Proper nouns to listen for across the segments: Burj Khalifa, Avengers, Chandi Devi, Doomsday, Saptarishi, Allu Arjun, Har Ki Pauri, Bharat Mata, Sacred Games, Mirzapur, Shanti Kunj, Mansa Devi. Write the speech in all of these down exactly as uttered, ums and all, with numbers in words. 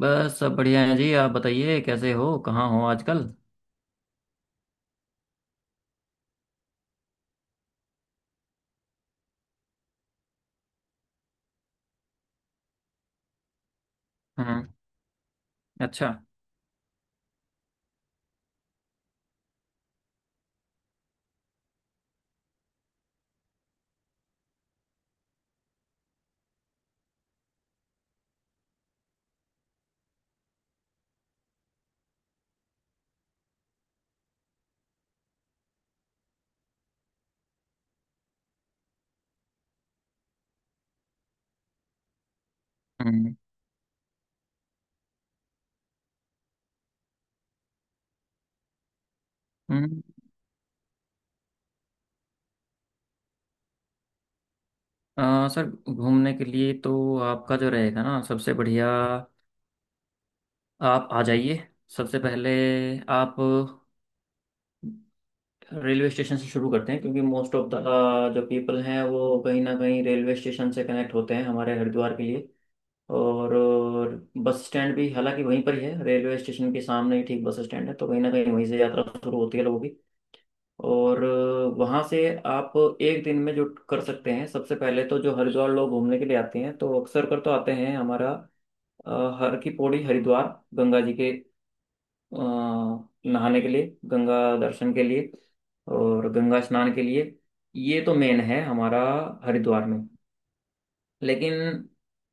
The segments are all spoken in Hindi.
बस सब बढ़िया है जी। आप बताइए कैसे हो कहाँ हो आजकल? हम्म। अच्छा। हम्म हम्म। आ, सर, घूमने के लिए तो आपका जो रहेगा ना सबसे बढ़िया। आप आ जाइए सबसे पहले। आप रेलवे स्टेशन से शुरू करते हैं क्योंकि मोस्ट ऑफ द जो पीपल हैं वो कहीं ना कहीं रेलवे स्टेशन से कनेक्ट होते हैं हमारे हरिद्वार के लिए। और, और बस स्टैंड भी हालांकि वहीं पर ही है, रेलवे स्टेशन के सामने ही ठीक बस स्टैंड है, तो कहीं ना कहीं वहीं से यात्रा शुरू होती है लोगों की। और वहाँ से आप एक दिन में जो कर सकते हैं, सबसे पहले तो जो हरिद्वार लोग घूमने के लिए आते हैं तो अक्सर कर तो आते हैं हमारा अ, हर की पौड़ी, हरिद्वार गंगा जी के अ, नहाने के लिए, गंगा दर्शन के लिए और गंगा स्नान के लिए। ये तो मेन है हमारा हरिद्वार में। लेकिन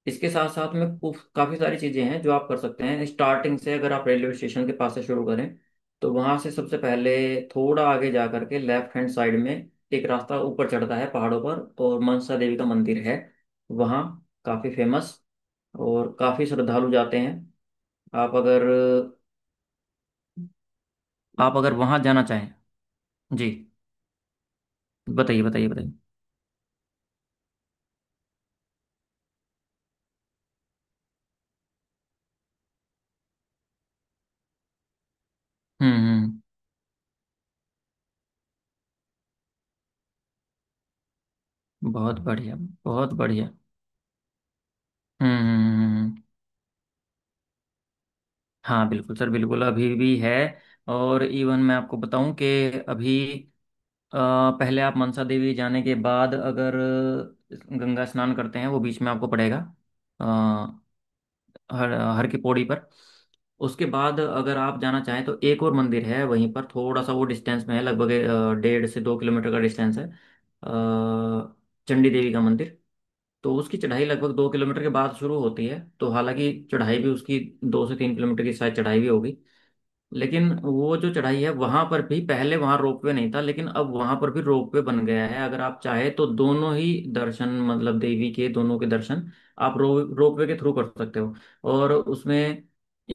इसके साथ साथ में कुछ- काफी सारी चीजें हैं जो आप कर सकते हैं। स्टार्टिंग से अगर आप रेलवे स्टेशन के पास से शुरू करें तो वहां से सबसे पहले थोड़ा आगे जा करके लेफ्ट हैंड साइड में एक रास्ता ऊपर चढ़ता है पहाड़ों पर और मनसा देवी का मंदिर है। वहाँ काफी फेमस और काफी श्रद्धालु जाते हैं। आप अगर आप अगर वहां जाना चाहें। जी। बताइए बताइए बताइए। हम्म हम्म हम्म, बहुत बढ़िया। बहुत बढ़िया। हम्म। हम्म, हम्म, हम्म, हम्म। हाँ बिल्कुल सर, बिल्कुल अभी भी है। और इवन मैं आपको बताऊं कि अभी अ, पहले आप मनसा देवी जाने के बाद अगर गंगा स्नान करते हैं, वो बीच में आपको पड़ेगा अ, हर हर की पौड़ी पर। उसके बाद अगर आप जाना चाहें तो एक और मंदिर है, वहीं पर थोड़ा सा वो डिस्टेंस में है। लगभग अ, डेढ़ से दो किलोमीटर का डिस्टेंस है अ, चंडी देवी का मंदिर। तो उसकी चढ़ाई लगभग दो किलोमीटर के बाद शुरू होती है। तो हालांकि चढ़ाई भी उसकी दो से तीन किलोमीटर की शायद चढ़ाई भी होगी। लेकिन वो जो चढ़ाई है, वहां पर भी पहले वहां रोपवे नहीं था, लेकिन अब वहां पर भी रोपवे बन गया है। अगर आप चाहे तो दोनों ही दर्शन, मतलब देवी के दोनों के दर्शन आप रो रोपवे के थ्रू कर सकते हो। और उसमें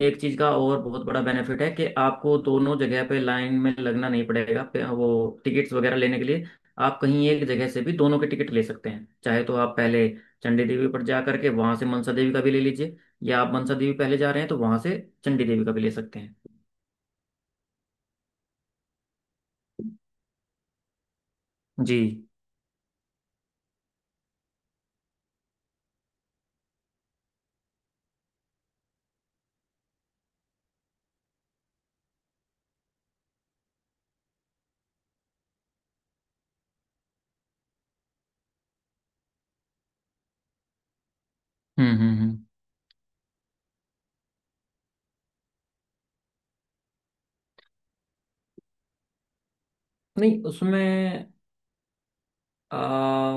एक चीज का और बहुत बड़ा बेनिफिट है कि आपको दोनों जगह पे लाइन में लगना नहीं पड़ेगा पे- वो टिकट्स वगैरह लेने के लिए। आप कहीं एक जगह से भी दोनों के टिकट ले सकते हैं। चाहे तो आप पहले चंडी देवी पर जा करके वहां से मनसा देवी का भी ले लीजिए, या आप मनसा देवी पहले जा रहे हैं तो वहां से चंडी देवी का भी ले सकते हैं। जी। हम्म हम्म हम्म। नहीं, उसमें आ,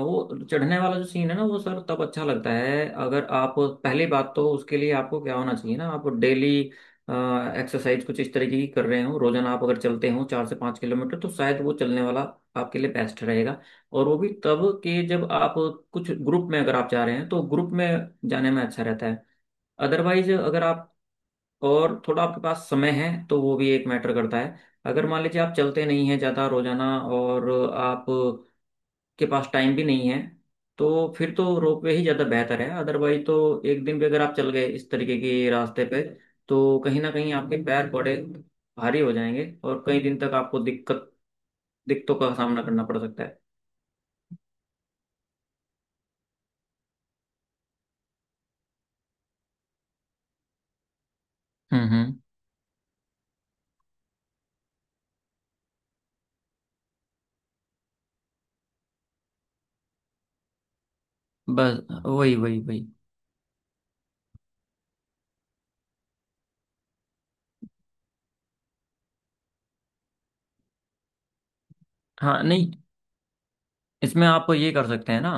वो चढ़ने वाला जो सीन है ना, वो सर तब अच्छा लगता है अगर आप। पहली बात तो उसके लिए आपको क्या होना चाहिए ना, आप डेली एक्सरसाइज कुछ इस तरीके की कर रहे हो रोजाना। आप अगर चलते हो चार से पाँच किलोमीटर तो शायद वो चलने वाला आपके लिए बेस्ट रहेगा। और वो भी तब के जब आप कुछ ग्रुप में अगर आप जा रहे हैं तो ग्रुप में जाने में अच्छा रहता है। अदरवाइज अगर आप और थोड़ा आपके पास समय है तो वो भी एक मैटर करता है। अगर मान लीजिए आप चलते नहीं हैं ज़्यादा रोजाना और आप के पास टाइम भी नहीं है, तो फिर तो रोपवे ही ज़्यादा बेहतर है। अदरवाइज तो एक दिन भी अगर आप चल गए इस तरीके के रास्ते पे, तो कहीं ना कहीं आपके पैर बड़े भारी हो जाएंगे और कई दिन तक आपको दिक्कत दिक्कतों का सामना करना पड़ सकता है। हम्म हम्म। बस वही वही वही। हाँ नहीं, इसमें आप ये कर सकते हैं ना।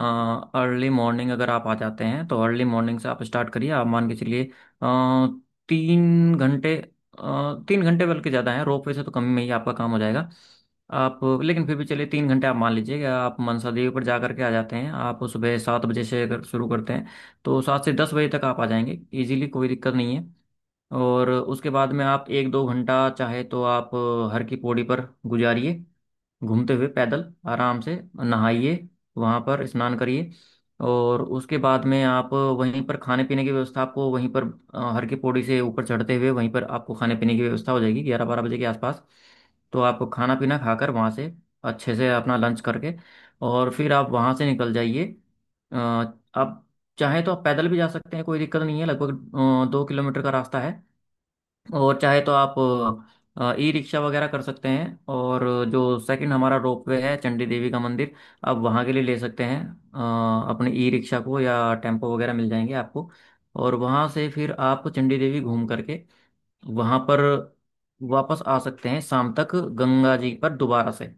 अर्ली मॉर्निंग अगर आप आ जाते हैं तो अर्ली मॉर्निंग से आप स्टार्ट करिए। आप मान के चलिए अ, तीन घंटे अ, तीन घंटे बल्कि ज़्यादा है, रोपवे से तो कम में ही आपका काम हो जाएगा। आप लेकिन फिर भी चलिए, तीन घंटे आप मान लीजिए, कि आप मनसा देवी पर जा करके आ जाते हैं। आप सुबह सात बजे से अगर शुरू करते हैं तो सात से दस बजे तक आप आ जाएंगे इजीली, कोई दिक्कत नहीं है। और उसके बाद में आप एक दो घंटा चाहे तो आप हर की पौड़ी पर गुजारिए, घूमते हुए पैदल, आराम से नहाइए, वहाँ पर स्नान करिए। और उसके बाद में आप वहीं पर खाने पीने की व्यवस्था, आपको वहीं पर अ, हर की पौड़ी से ऊपर चढ़ते हुए वहीं पर आपको खाने पीने की व्यवस्था हो जाएगी, ग्यारह बारह बजे के आसपास। तो आप खाना पीना खाकर वहाँ से अच्छे से अपना लंच करके, और फिर आप वहाँ से निकल जाइए। अ, आप चाहे तो आप पैदल भी जा सकते हैं, कोई दिक्कत नहीं है। लगभग अ, दो किलोमीटर का रास्ता है। और चाहे तो आप ई रिक्शा वगैरह कर सकते हैं, और जो सेकंड हमारा रोपवे है, चंडी देवी का मंदिर, आप वहाँ के लिए ले सकते हैं अ, अपने ई रिक्शा को, या टेम्पो वगैरह मिल जाएंगे आपको। और वहाँ से फिर आप चंडी देवी घूम करके वहाँ पर वापस आ सकते हैं शाम तक गंगा जी पर दोबारा से।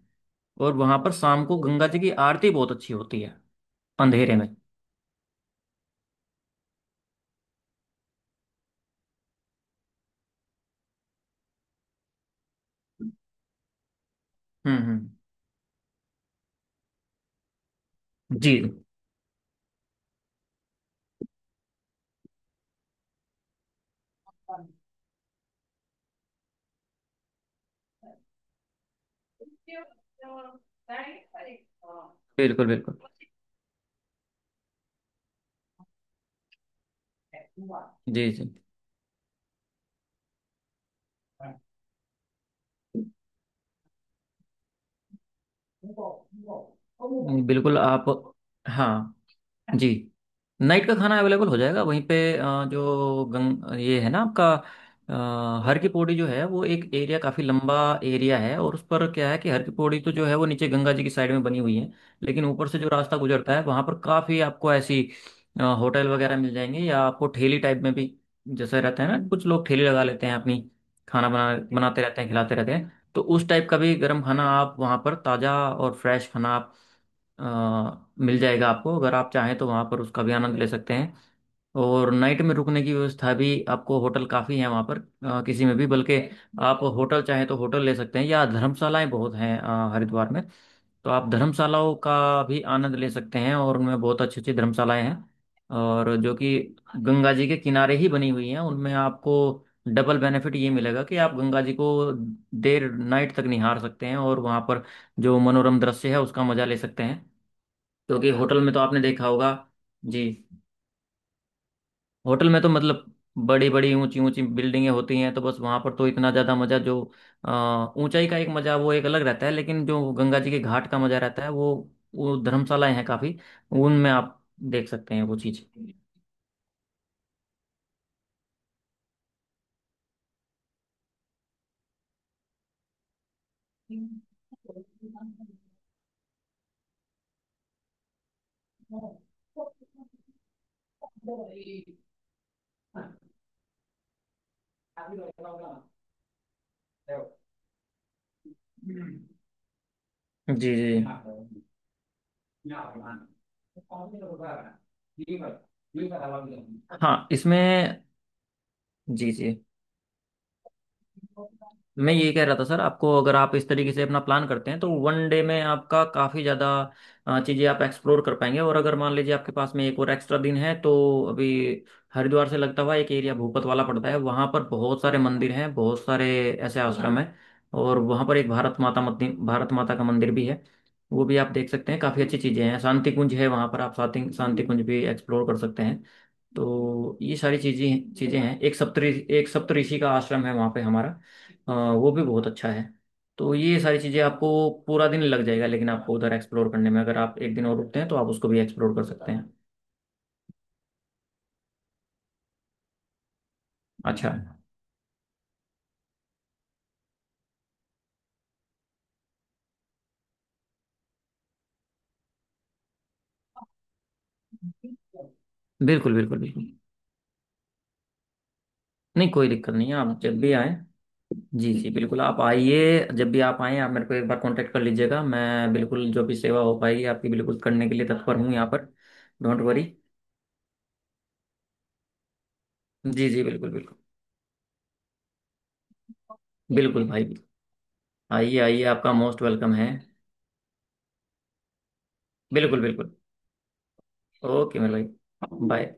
और वहाँ पर शाम को गंगा जी की आरती बहुत अच्छी होती है अंधेरे में। हम्म हम्म। जी। बिल्कुल बिल्कुल। जी जी बिल्कुल आप। हाँ। जी। नाइट का खाना अवेलेबल हो जाएगा वहीं पे अ, जो गंग ये है ना आपका अ, हर की पौड़ी जो है वो एक एरिया, काफ़ी लंबा एरिया है। और उस पर क्या है कि हर की पौड़ी तो जो है वो नीचे गंगा जी की साइड में बनी हुई है। लेकिन ऊपर से जो रास्ता गुजरता है, वहाँ पर काफ़ी आपको ऐसी अ, होटल वगैरह मिल जाएंगे, या आपको ठेली टाइप में भी, जैसे रहता है ना कुछ लोग ठेली लगा लेते हैं अपनी, खाना बना बनाते रहते हैं, खिलाते रहते हैं। तो उस टाइप का भी गर्म खाना आप वहाँ पर ताज़ा और फ्रेश खाना आप अ, मिल जाएगा आपको, अगर आप चाहें तो वहाँ पर उसका भी आनंद ले सकते हैं। और नाइट में रुकने की व्यवस्था भी आपको होटल काफ़ी है वहाँ पर अ, किसी में भी, बल्कि आप होटल चाहे तो होटल ले सकते हैं, या धर्मशालाएं बहुत हैं अ, हरिद्वार में। तो आप धर्मशालाओं का भी आनंद ले सकते हैं, और उनमें बहुत अच्छी अच्छी धर्मशालाएं हैं, और जो कि गंगा जी के किनारे ही बनी हुई हैं, उनमें आपको डबल बेनिफिट ये मिलेगा कि आप गंगा जी को देर नाइट तक निहार सकते हैं, और वहाँ पर जो मनोरम दृश्य है उसका मजा ले सकते हैं। क्योंकि होटल में तो आपने देखा होगा। जी। होटल में तो मतलब बड़ी बड़ी ऊंची ऊंची बिल्डिंगें होती हैं, तो बस वहां पर तो इतना ज्यादा मजा जो अ, ऊंचाई का एक मजा वो एक अलग रहता है, लेकिन जो गंगा जी के घाट का मजा रहता है वो वो धर्मशालाएं हैं काफी, उनमें आप देख सकते हैं वो चीज। जी जी। हाँ इसमें। जी जी। मैं ये कह रहा था सर, आपको अगर आप इस तरीके से अपना प्लान करते हैं तो वन डे में आपका काफ़ी ज़्यादा अ, चीज़ें आप एक्सप्लोर कर पाएंगे। और अगर मान लीजिए आपके पास में एक और एक्स्ट्रा दिन है, तो अभी हरिद्वार से लगता हुआ एक एरिया भूपत वाला पड़ता है, वहाँ पर बहुत सारे मंदिर हैं, बहुत सारे ऐसे आश्रम हैं। और वहाँ पर एक भारत माता मंदिर भारत माता का मंदिर भी है, वो भी आप देख सकते हैं, काफ़ी अच्छी चीज़ें हैं। शांति कुंज है वहाँ पर, आप शांति शांति कुंज भी एक्सप्लोर कर सकते हैं। तो ये सारी चीजें चीजें हैं, एक सप्तरी एक सप्तऋषि का आश्रम है वहाँ पे हमारा अ, वो भी बहुत अच्छा है। तो ये सारी चीजें, आपको पूरा दिन लग जाएगा, लेकिन आपको उधर एक्सप्लोर करने में अगर आप एक दिन और रुकते हैं तो आप उसको भी एक्सप्लोर कर सकते हैं। अच्छा। बिल्कुल बिल्कुल बिल्कुल। नहीं, कोई दिक्कत नहीं है, आप जब भी आएँ। जी जी बिल्कुल, आप आइए, जब भी आप आएँ आप मेरे को एक बार कांटेक्ट कर लीजिएगा, मैं बिल्कुल जो भी सेवा हो पाएगी आपकी बिल्कुल करने के लिए तत्पर हूँ यहाँ पर। Don't worry. जी जी बिल्कुल बिल्कुल। बिल्कुल भाई बिल्कुल, आइए आइए, आपका मोस्ट वेलकम है। बिल्कुल बिल्कुल। ओके मेरे भाई। बाय।